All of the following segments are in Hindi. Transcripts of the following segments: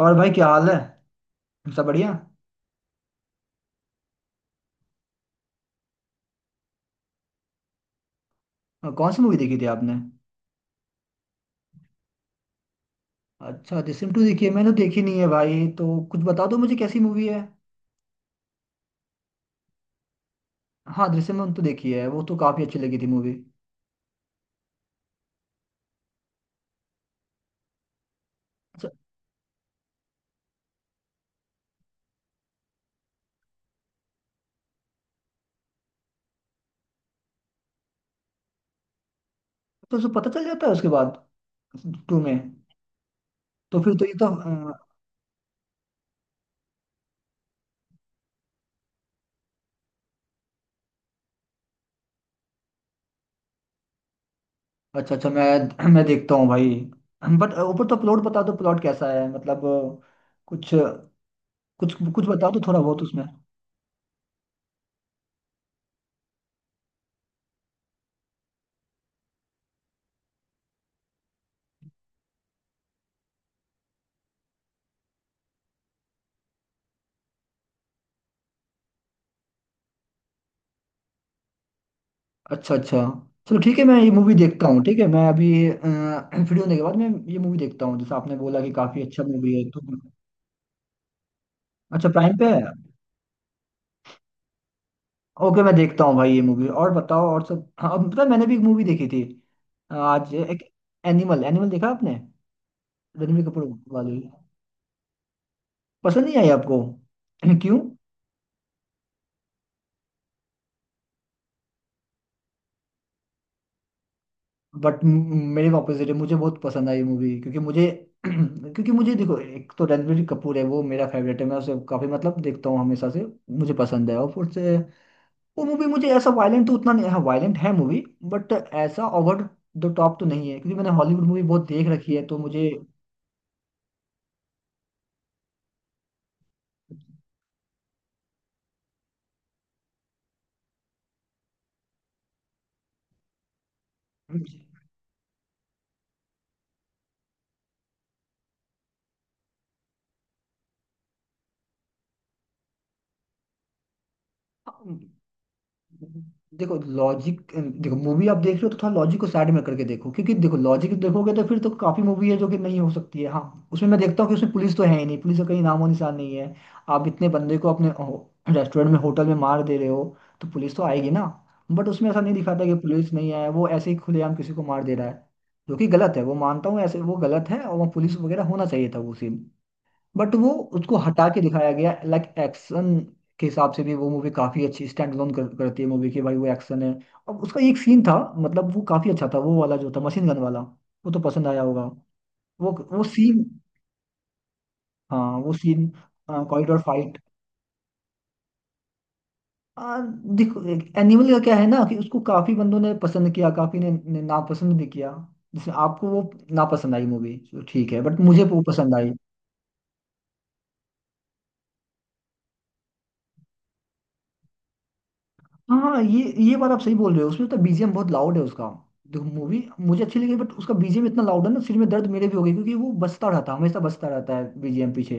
और भाई क्या हाल है? सब बढ़िया। और कौन सी मूवी देखी थी आपने? अच्छा, दृश्यम टू देखी है, मैंने तो देखी नहीं है भाई, तो कुछ बता दो मुझे कैसी मूवी है। हाँ, दृश्यम वन तो देखी है, वो तो काफी अच्छी लगी थी मूवी। अच्छा, तो उसको पता चल जाता है उसके बाद टू में? तो फिर तो ये तो अच्छा अच्छा, मैं देखता हूँ भाई। बट ऊपर तो प्लॉट बता दो, प्लॉट कैसा है मतलब कुछ कुछ कुछ बता दो थोड़ा बहुत उसमें। अच्छा अच्छा, चलो ठीक है, मैं ये मूवी देखता हूँ। ठीक है, मैं अभी फ्री होने के बाद मैं ये मूवी देखता हूँ, जैसे आपने बोला कि काफी अच्छा मूवी है तो। अच्छा, प्राइम पे है। ओके, मैं देखता हूँ भाई ये मूवी। और बताओ और सब। हाँ, अब पता है, मैंने भी एक मूवी देखी थी आज, एक एनिमल, एनिमल देखा आपने? रणबीर कपूर वाली? पसंद नहीं आई आपको? क्यों? बट मेरे ऑपोजिट है, मुझे बहुत पसंद आई मूवी, क्योंकि मुझे क्योंकि मुझे देखो, एक तो रणबीर कपूर है, वो मेरा फेवरेट है, मैं उसे काफी मतलब देखता हूँ हमेशा से, मुझे पसंद है। और फिर से वो मूवी मुझे ऐसा वायलेंट तो उतना नहीं, हाँ वायलेंट है मूवी, बट ऐसा ओवर द टॉप तो नहीं है, क्योंकि मैंने हॉलीवुड मूवी बहुत देख रखी है तो मुझे। देखो लॉजिक देखो, मूवी आप देख रहे हो तो थोड़ा लॉजिक को साइड में करके देखो, क्योंकि देखो लॉजिक देखोगे तो फिर तो काफी मूवी है जो कि नहीं हो सकती है। हाँ उसमें मैं देखता हूँ कि उसमें पुलिस तो है ही नहीं, पुलिस का कहीं नामो निशान नहीं है। आप इतने बंदे को अपने रेस्टोरेंट में, होटल में मार दे रहे हो तो पुलिस तो आएगी ना? बट उसमें ऐसा नहीं दिखाता कि पुलिस नहीं आया, वो ऐसे ही खुलेआम किसी को मार दे रहा है, जो कि गलत है, वो मानता हूँ, ऐसे वो गलत है और वो पुलिस वगैरह होना चाहिए था वो सीन। बट वो उसको हटा के दिखाया गया। लाइक एक्शन के हिसाब से भी वो मूवी काफी अच्छी स्टैंड अलोन करती है मूवी की भाई, वो एक्शन है। और उसका एक सीन था, मतलब वो काफी अच्छा था, वो वाला जो था मशीन गन वाला, वो तो पसंद आया होगा। वो सीन, हाँ वो सीन कॉरिडोर फाइट। आ, देखो एनिमल का क्या है ना, कि उसको काफी बंदों ने पसंद किया, काफी ने नापसंद भी किया। जिसमें आपको वो नापसंद आई मूवी, ठीक है, बट मुझे वो पसंद आई। हाँ ये बात आप सही बोल रहे हो, उसमें तो बीजीएम बहुत लाउड है उसका। देखो मूवी मुझे अच्छी लगी, बट उसका बीजीएम इतना लाउड है ना, सिर में दर्द मेरे भी हो गई, क्योंकि वो बजता रहता है, हमेशा बजता रहता है बीजीएम पीछे,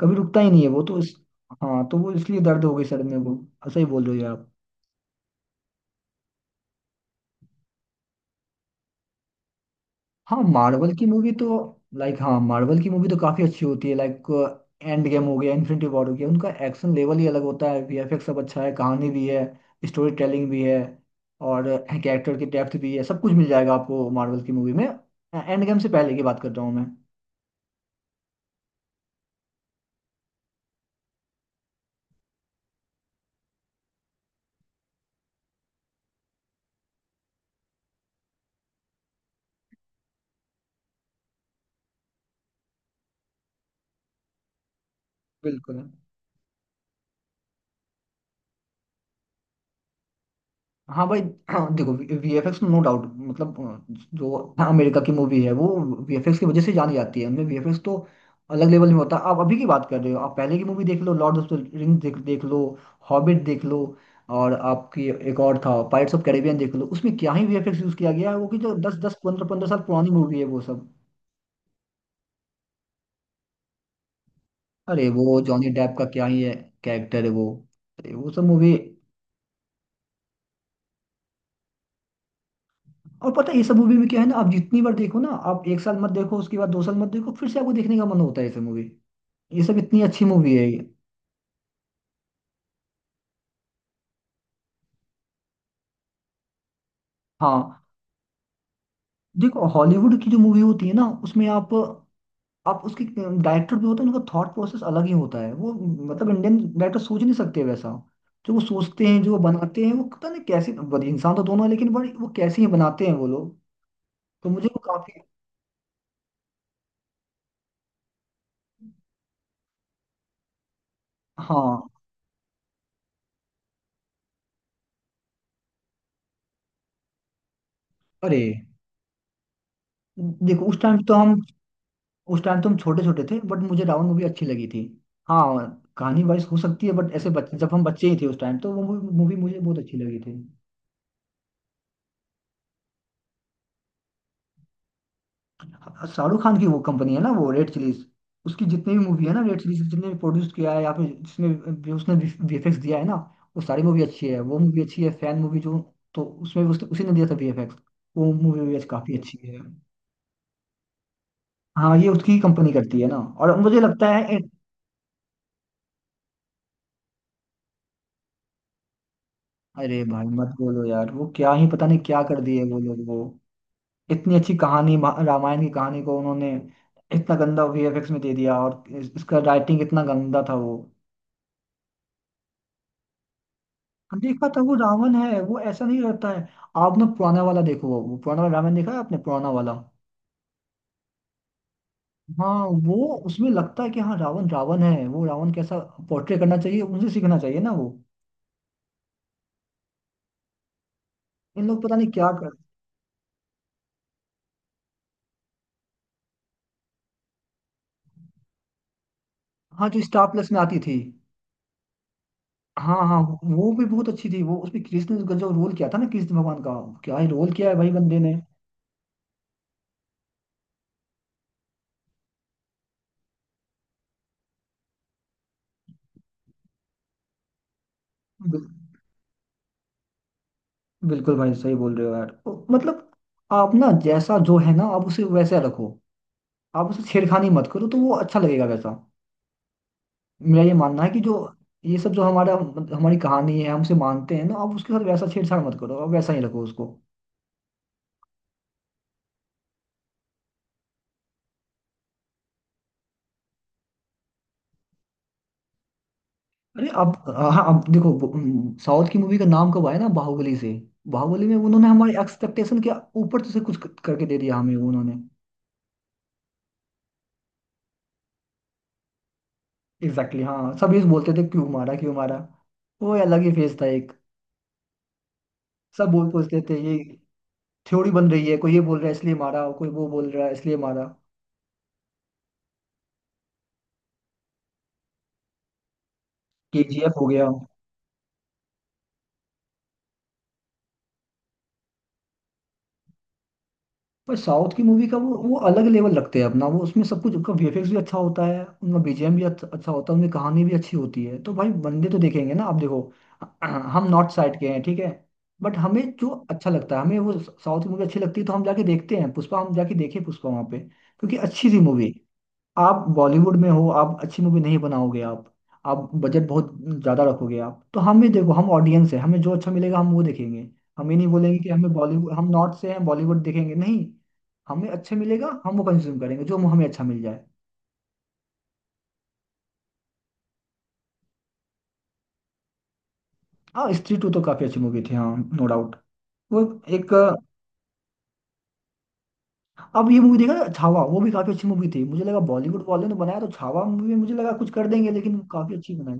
कभी रुकता ही नहीं है वो तो। इस हाँ, तो वो इसलिए दर्द हो गई सर में वो। सही बोल रहे हो यार आप। हाँ मार्वल की मूवी तो, लाइक, हाँ मार्वल की मूवी तो काफी अच्छी होती है, लाइक एंड गेम हो गया, इन्फिनिटी वॉर हो गया, उनका एक्शन लेवल ही अलग होता है। वीएफएक्स सब अच्छा है, कहानी भी है, स्टोरी टेलिंग भी है, और कैरेक्टर की डेप्थ भी है, सब कुछ मिल जाएगा आपको मार्वल की मूवी में। एंड गेम से पहले की बात कर रहा हूँ मैं। बिल्कुल। हाँ भाई, हाँ देखो वीएफएक्स नो डाउट, मतलब जो अमेरिका की मूवी है वो वीएफएक्स की वजह से जानी जाती है, उनमें वीएफएक्स तो अलग लेवल में होता है। आप अभी की बात कर रहे हो, आप पहले की मूवी देख लो, लॉर्ड ऑफ द रिंग्स देख देख लो, हॉबिट देख लो, और आपकी एक और था पायरेट्स ऑफ कैरेबियन, देख लो उसमें क्या ही वीएफएक्स यूज किया गया है, वो कि जो दस दस पंद्रह पंद्रह साल पुरानी मूवी है वो सब। अरे वो जॉनी डेप का क्या ही है, कैरेक्टर है वो, अरे वो सब मूवी। और पता है ये सब मूवी में क्या है ना, आप जितनी बार देखो ना, आप एक साल मत देखो, उसके बाद 2 साल मत देखो, फिर से आपको देखने का मन होता है ये सब मूवी। ये सब इतनी अच्छी मूवी है ये। हाँ देखो, हॉलीवुड की जो मूवी होती है ना, उसमें आप उसके डायरेक्टर भी होते हैं, उनका थॉट प्रोसेस अलग ही होता है वो, मतलब इंडियन डायरेक्टर सोच नहीं सकते वैसा। जो वो सोचते हैं, जो वो बनाते हैं, वो पता नहीं कैसे, बड़े इंसान तो दोनों है लेकिन बड़े वो कैसे ही बनाते हैं वो लोग। तो मुझे वो काफी। हाँ, अरे देखो उस टाइम तो हम छोटे छोटे थे, बट मुझे रावण मूवी अच्छी लगी थी। हाँ, कहानी वाइज हो सकती है बट ऐसे बच्चे, जब हम बच्चे ही थे उस टाइम, तो वो मूवी मुझे बहुत अच्छी लगी थी। हाँ, शाहरुख खान की वो कंपनी है ना वो, रेड चिलीज। उसकी जितनी भी मूवी है ना, रेड चिलीज जितने भी प्रोड्यूस किया है, या फिर जिसमें भी उसने वीएफएक्स दिया है ना, वो सारी मूवी अच्छी है। वो मूवी अच्छी है फैन मूवी जो, तो उसमें भी उसने, उसी ने दिया था वीएफएक्स, वो मूवी भी काफी अच्छी है। हाँ ये उसकी कंपनी करती है ना, और मुझे लगता है। अरे भाई मत बोलो यार, वो क्या ही पता नहीं क्या कर दिए वो लोग, वो इतनी अच्छी कहानी रामायण की कहानी को उन्होंने इतना गंदा वीएफएक्स में दे दिया, और इसका राइटिंग इतना गंदा था वो। देखा था वो, रावण है वो, ऐसा नहीं रहता है। आपने पुराना वाला देखो, वो पुराना वाला रामायण देखा है आपने पुराना वाला? हाँ वो, उसमें लगता है कि हाँ रावण रावण है, वो रावण कैसा पोर्ट्रे करना चाहिए उनसे सीखना चाहिए ना वो। इन लोग पता नहीं क्या कर। हाँ, जो स्टार प्लस में आती थी। हाँ हाँ, वो भी बहुत अच्छी थी वो, उसमें कृष्ण का जो रोल किया था ना, कृष्ण भगवान का, क्या ही रोल किया है भाई बंदे ने। बिल्कुल भाई, सही बोल रहे हो यार। मतलब आप ना जैसा जो है ना, आप उसे वैसा रखो, आप उसे छेड़खानी मत करो, तो वो अच्छा लगेगा वैसा। मेरा ये मानना है कि जो ये सब जो हमारा, हमारी कहानी है, हमसे मानते हैं ना, आप उसके साथ वैसा छेड़छाड़ मत करो, आप वैसा ही रखो उसको। अरे आप, हाँ आप देखो, साउथ की मूवी का नाम कब आया ना, बाहुबली से। बाहुबली में उन्होंने हमारे एक्सपेक्टेशन के ऊपर से कुछ करके दे दिया हमें उन्होंने। एग्जैक्टली हाँ, सभी बोलते थे क्यों मारा क्यों मारा, वो अलग ही फेज था एक, सब बोल पूछते थे ये। थ्योरी बन रही है, कोई ये बोल रहा है इसलिए मारा, कोई वो बोल रहा है इसलिए मारा। केजीएफ हो गया। पर साउथ की मूवी का वो अलग लेवल रखते हैं अपना, वो उसमें सब कुछ, उनका वीएफएक्स भी अच्छा होता है, उनका बीजीएम भी अच्छा अच्छा होता है, उनकी कहानी भी अच्छी होती है, तो भाई बंदे तो देखेंगे ना। आप देखो, हम नॉर्थ साइड के हैं, ठीक है, बट हमें जो अच्छा लगता है, हमें वो साउथ की मूवी अच्छी लगती है, तो हम जाके देखते हैं पुष्पा, हम जाके देखे पुष्पा वहाँ पे, क्योंकि अच्छी थी मूवी। आप बॉलीवुड में हो, आप अच्छी मूवी नहीं बनाओगे, आप बजट बहुत ज्यादा रखोगे, आप तो, हम भी देखो हम ऑडियंस है, हमें जो अच्छा मिलेगा हम वो देखेंगे, हम ये नहीं बोलेंगे कि हमें बॉलीवुड, हम नॉर्थ से हैं बॉलीवुड देखेंगे नहीं। हमें अच्छा मिलेगा हम वो कंज्यूम करेंगे, जो हमें अच्छा मिल जाए। हाँ स्त्री टू तो काफी अच्छी मूवी थी, हाँ नो डाउट। वो एक अ, अब ये मूवी देखा है, छावा, वो भी काफी अच्छी मूवी थी, मुझे लगा बॉलीवुड वाले ने बनाया तो छावा मूवी, मुझे लगा कुछ कर देंगे, लेकिन काफी अच्छी बनाई।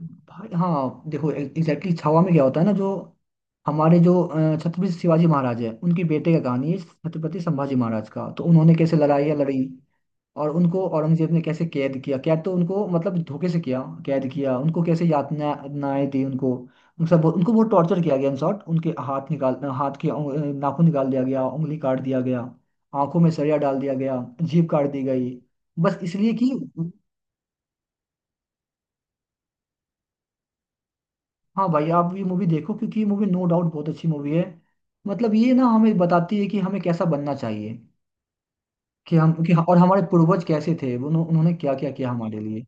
भाई हाँ, देखो एग्जैक्टली छावा में क्या होता है ना, जो हमारे जो छत्रपति शिवाजी महाराज है, उनकी बेटे का कहानी है छत्रपति संभाजी महाराज का। तो उन्होंने कैसे लड़ाइयाँ लड़ी, और उनको औरंगजेब ने कैसे कैद किया, कैद तो उनको मतलब धोखे से किया, कैद किया उनको, कैसे यातनाएं दी उनको। उन सब, उनको बहुत टॉर्चर किया गया, इन शॉर्ट उनके हाथ निकाल, हाथ के नाखून निकाल दिया गया, उंगली काट दिया गया, आंखों में सरिया डाल दिया गया, जीभ काट दी गई। बस इसलिए कि। हाँ भाई, आप ये मूवी देखो क्योंकि ये मूवी नो डाउट बहुत अच्छी मूवी है। मतलब ये ना हमें बताती है कि हमें कैसा बनना चाहिए, कि हम कि, और हमारे पूर्वज कैसे थे, उन्होंने क्या क्या किया हमारे लिए।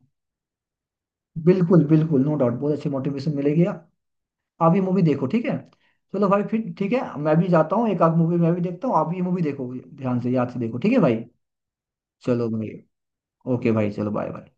बिल्कुल बिल्कुल, नो डाउट बहुत अच्छी मोटिवेशन मिलेगी। आप ये मूवी देखो ठीक है। चलो भाई फिर ठीक है, मैं भी जाता हूँ, एक आध मूवी मैं भी देखता हूँ, आप ये मूवी देखो ध्यान से, याद से देखो ठीक है भाई। चलो भाई, ओके भाई, चलो बाय बाय।